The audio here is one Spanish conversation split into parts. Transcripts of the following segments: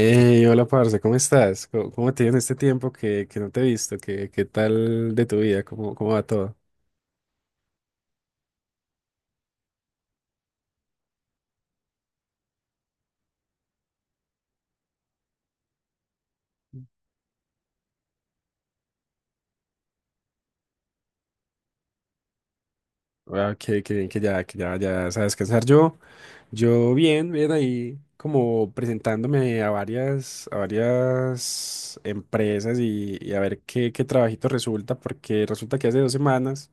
Hey, hola, parce, ¿cómo estás? ¿Cómo te ha ido en este tiempo que no te he visto? ¿Qué tal de tu vida? ¿Cómo va todo? Ah, qué bien que ya sabes descansar. Yo bien, bien ahí como presentándome a a varias empresas y a ver qué trabajito resulta, porque resulta que hace dos semanas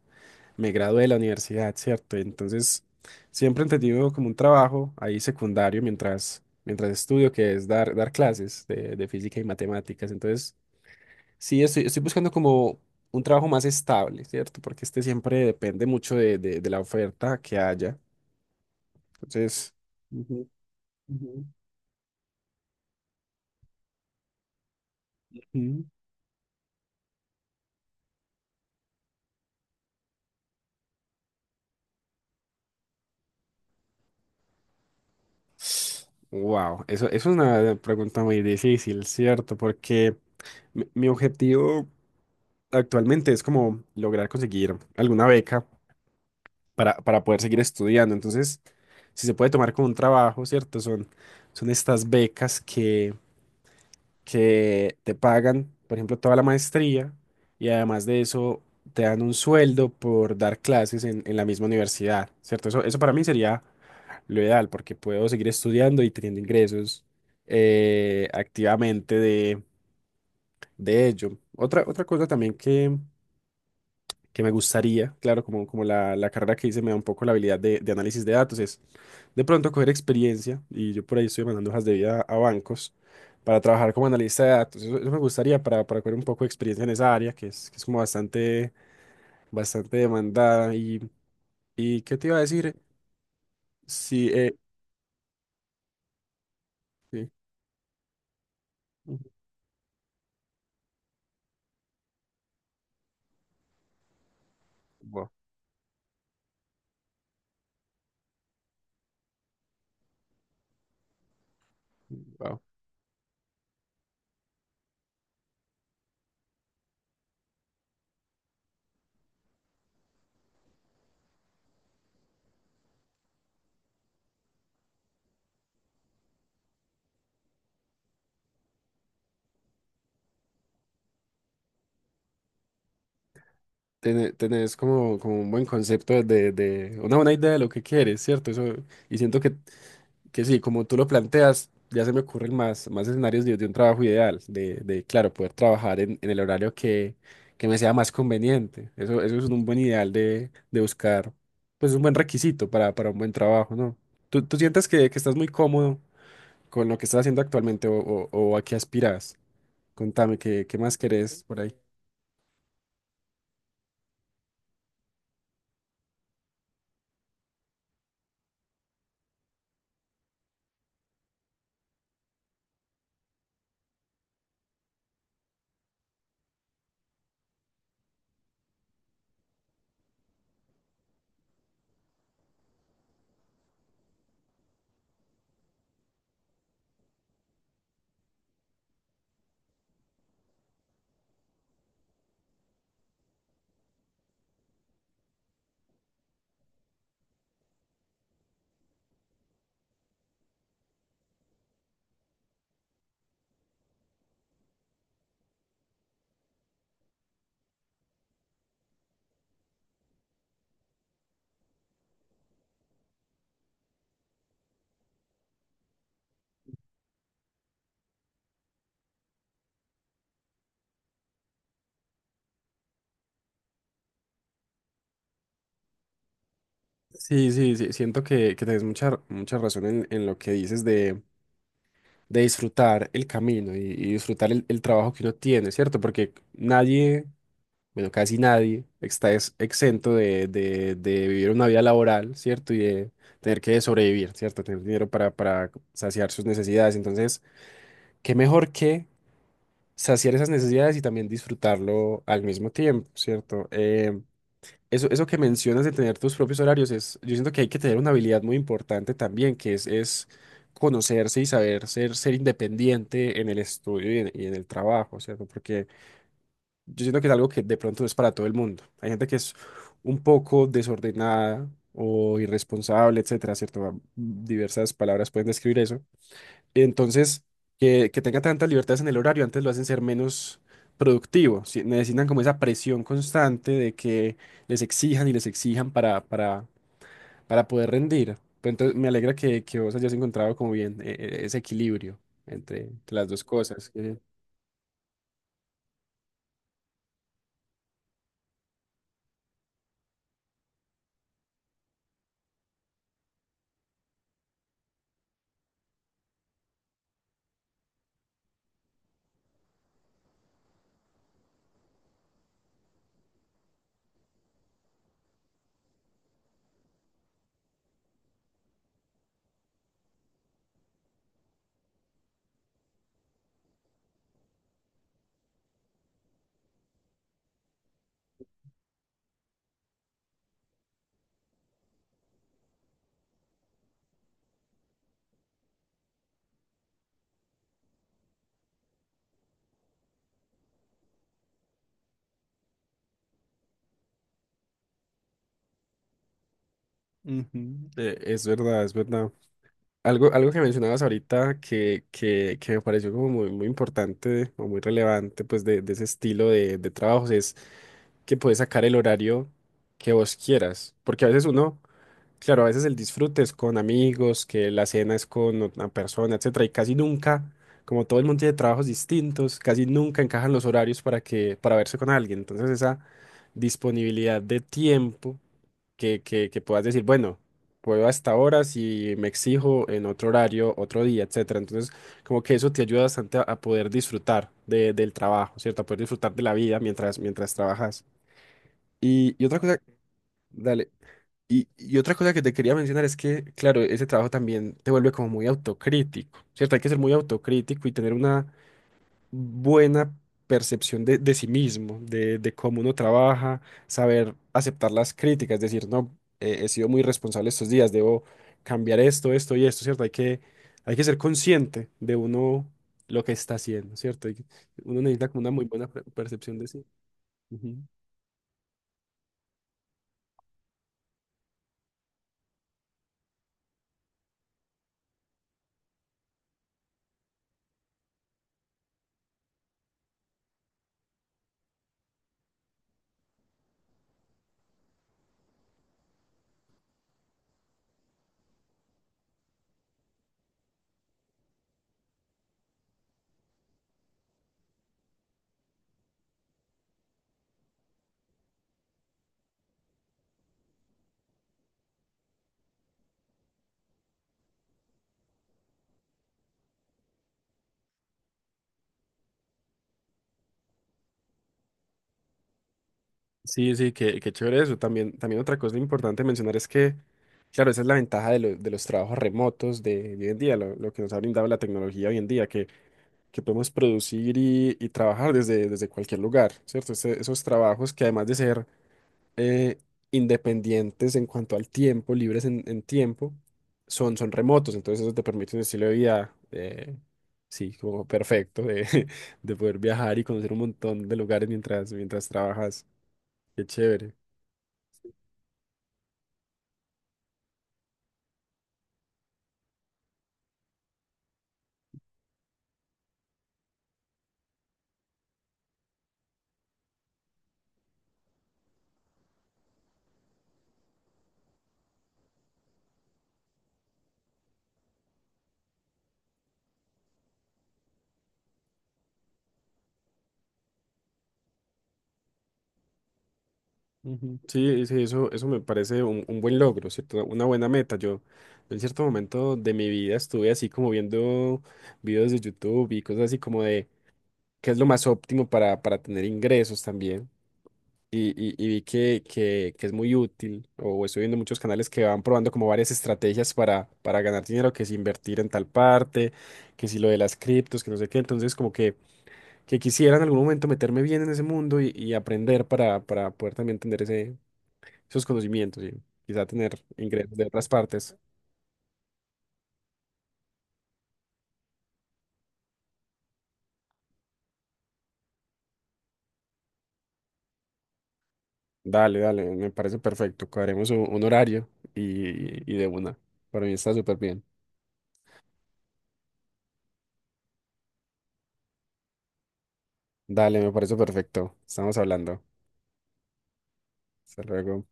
me gradué de la universidad, ¿cierto? Entonces, siempre he tenido como un trabajo ahí secundario mientras estudio, que es dar clases de física y matemáticas. Entonces, sí, estoy buscando como un trabajo más estable, ¿cierto? Porque este siempre depende mucho de la oferta que haya. Entonces, wow, eso es una pregunta muy difícil, ¿cierto? Porque mi objetivo actualmente es como lograr conseguir alguna beca para poder seguir estudiando. Entonces, si se puede tomar como un trabajo, ¿cierto? Son estas becas que te pagan, por ejemplo, toda la maestría y además de eso te dan un sueldo por dar clases en la misma universidad, ¿cierto? Eso para mí sería lo ideal porque puedo seguir estudiando y teniendo ingresos activamente de ello. Otra cosa también que me gustaría, claro, como, como la carrera que hice me da un poco la habilidad de análisis de datos, es de pronto coger experiencia, y yo por ahí estoy mandando hojas de vida a bancos para trabajar como analista de datos. Eso me gustaría para coger un poco de experiencia en esa área, que es como bastante demandada. Y ¿qué te iba a decir? Sí, sí. Wow, wow. Tenés como, como un buen concepto de una buena idea de lo que quieres, ¿cierto? Eso, y siento que sí, como tú lo planteas, ya se me ocurren más escenarios de un trabajo ideal, de, claro, poder trabajar en el horario que me sea más conveniente. Eso es un buen ideal de buscar, pues un buen requisito para un buen trabajo, ¿no? ¿Tú sientes que estás muy cómodo con lo que estás haciendo actualmente o a qué aspiras? Contame, ¿qué más querés por ahí? Sí, sí, sí, siento que tenés mucha razón en lo que dices de disfrutar el camino y disfrutar el trabajo que uno tiene, ¿cierto? Porque nadie, bueno, casi nadie exento de vivir una vida laboral, ¿cierto? Y de tener que sobrevivir, ¿cierto? Tener dinero para saciar sus necesidades. Entonces, ¿qué mejor que saciar esas necesidades y también disfrutarlo al mismo tiempo, ¿cierto? Eso, eso que mencionas de tener tus propios horarios es, yo siento que hay que tener una habilidad muy importante también, que es conocerse y saber ser independiente en el estudio y en el trabajo, ¿cierto? Porque yo siento que es algo que de pronto no es para todo el mundo. Hay gente que es un poco desordenada o irresponsable, etcétera, ¿cierto? Diversas palabras pueden describir eso. Entonces, que tenga tantas libertades en el horario, antes lo hacen ser menos productivo. Si- necesitan como esa presión constante de que les exijan y les exijan para poder rendir. Pero entonces, me alegra que vos hayas encontrado como bien ese equilibrio entre, entre las dos cosas. Que- Ujú, es verdad, es verdad. Algo que mencionabas ahorita que me pareció como muy importante o muy relevante pues de ese estilo de trabajos que puedes sacar el horario que vos quieras. Porque a veces uno, claro, a veces el disfrute es con amigos, que la cena es con una persona, etcétera, y casi nunca, como todo el mundo tiene trabajos distintos, casi nunca encajan los horarios para para verse con alguien. Entonces, esa disponibilidad de tiempo que puedas decir, bueno, puedo hasta ahora si me exijo en otro horario, otro día, etcétera. Entonces, como que eso te ayuda bastante a poder disfrutar del trabajo, ¿cierto? A poder disfrutar de la vida mientras trabajas. Y otra cosa, dale, y otra cosa que te quería mencionar es que, claro, ese trabajo también te vuelve como muy autocrítico, ¿cierto? Hay que ser muy autocrítico y tener una buena percepción de sí mismo, de cómo uno trabaja, saber aceptar las críticas, decir, no, he sido muy responsable estos días, debo cambiar esto, esto y esto, ¿cierto? Hay que ser consciente de uno lo que está haciendo, ¿cierto? Hay que- Uno necesita como una muy buena percepción de sí. Ujú. Sí, sí, qué, qué chévere eso. También, también otra cosa importante mencionar es que, claro, esa es la ventaja de, de los trabajos remotos de hoy en día, lo que nos ha brindado la tecnología hoy en día, que podemos producir y trabajar desde, desde cualquier lugar, ¿cierto? Esos trabajos que además de ser eh, independientes en cuanto al tiempo, libres en tiempo, son, son remotos, entonces eso te permite un estilo de vida, sí, como perfecto, de, de poder viajar y conocer un montón de lugares mientras trabajas. Qué chévere. Ujú. Sí, sí, eso me parece un buen logro, ¿cierto? Una buena meta. Yo en cierto momento de mi vida estuve así como viendo videos de YouTube y cosas así como de qué es lo más óptimo para tener ingresos también. Y vi que es muy útil, o estoy viendo muchos canales que van probando como varias estrategias para ganar dinero, que si invertir en tal parte, que si lo de las criptos, que no sé qué. Entonces como que quisiera en algún momento meterme bien en ese mundo y aprender para poder también tener ese esos conocimientos y quizá tener ingresos de otras partes. Dale, dale, me parece perfecto. Cuadremos un horario y de una. Para mí está súper bien. Dale, me parece perfecto. Estamos hablando. Hasta luego.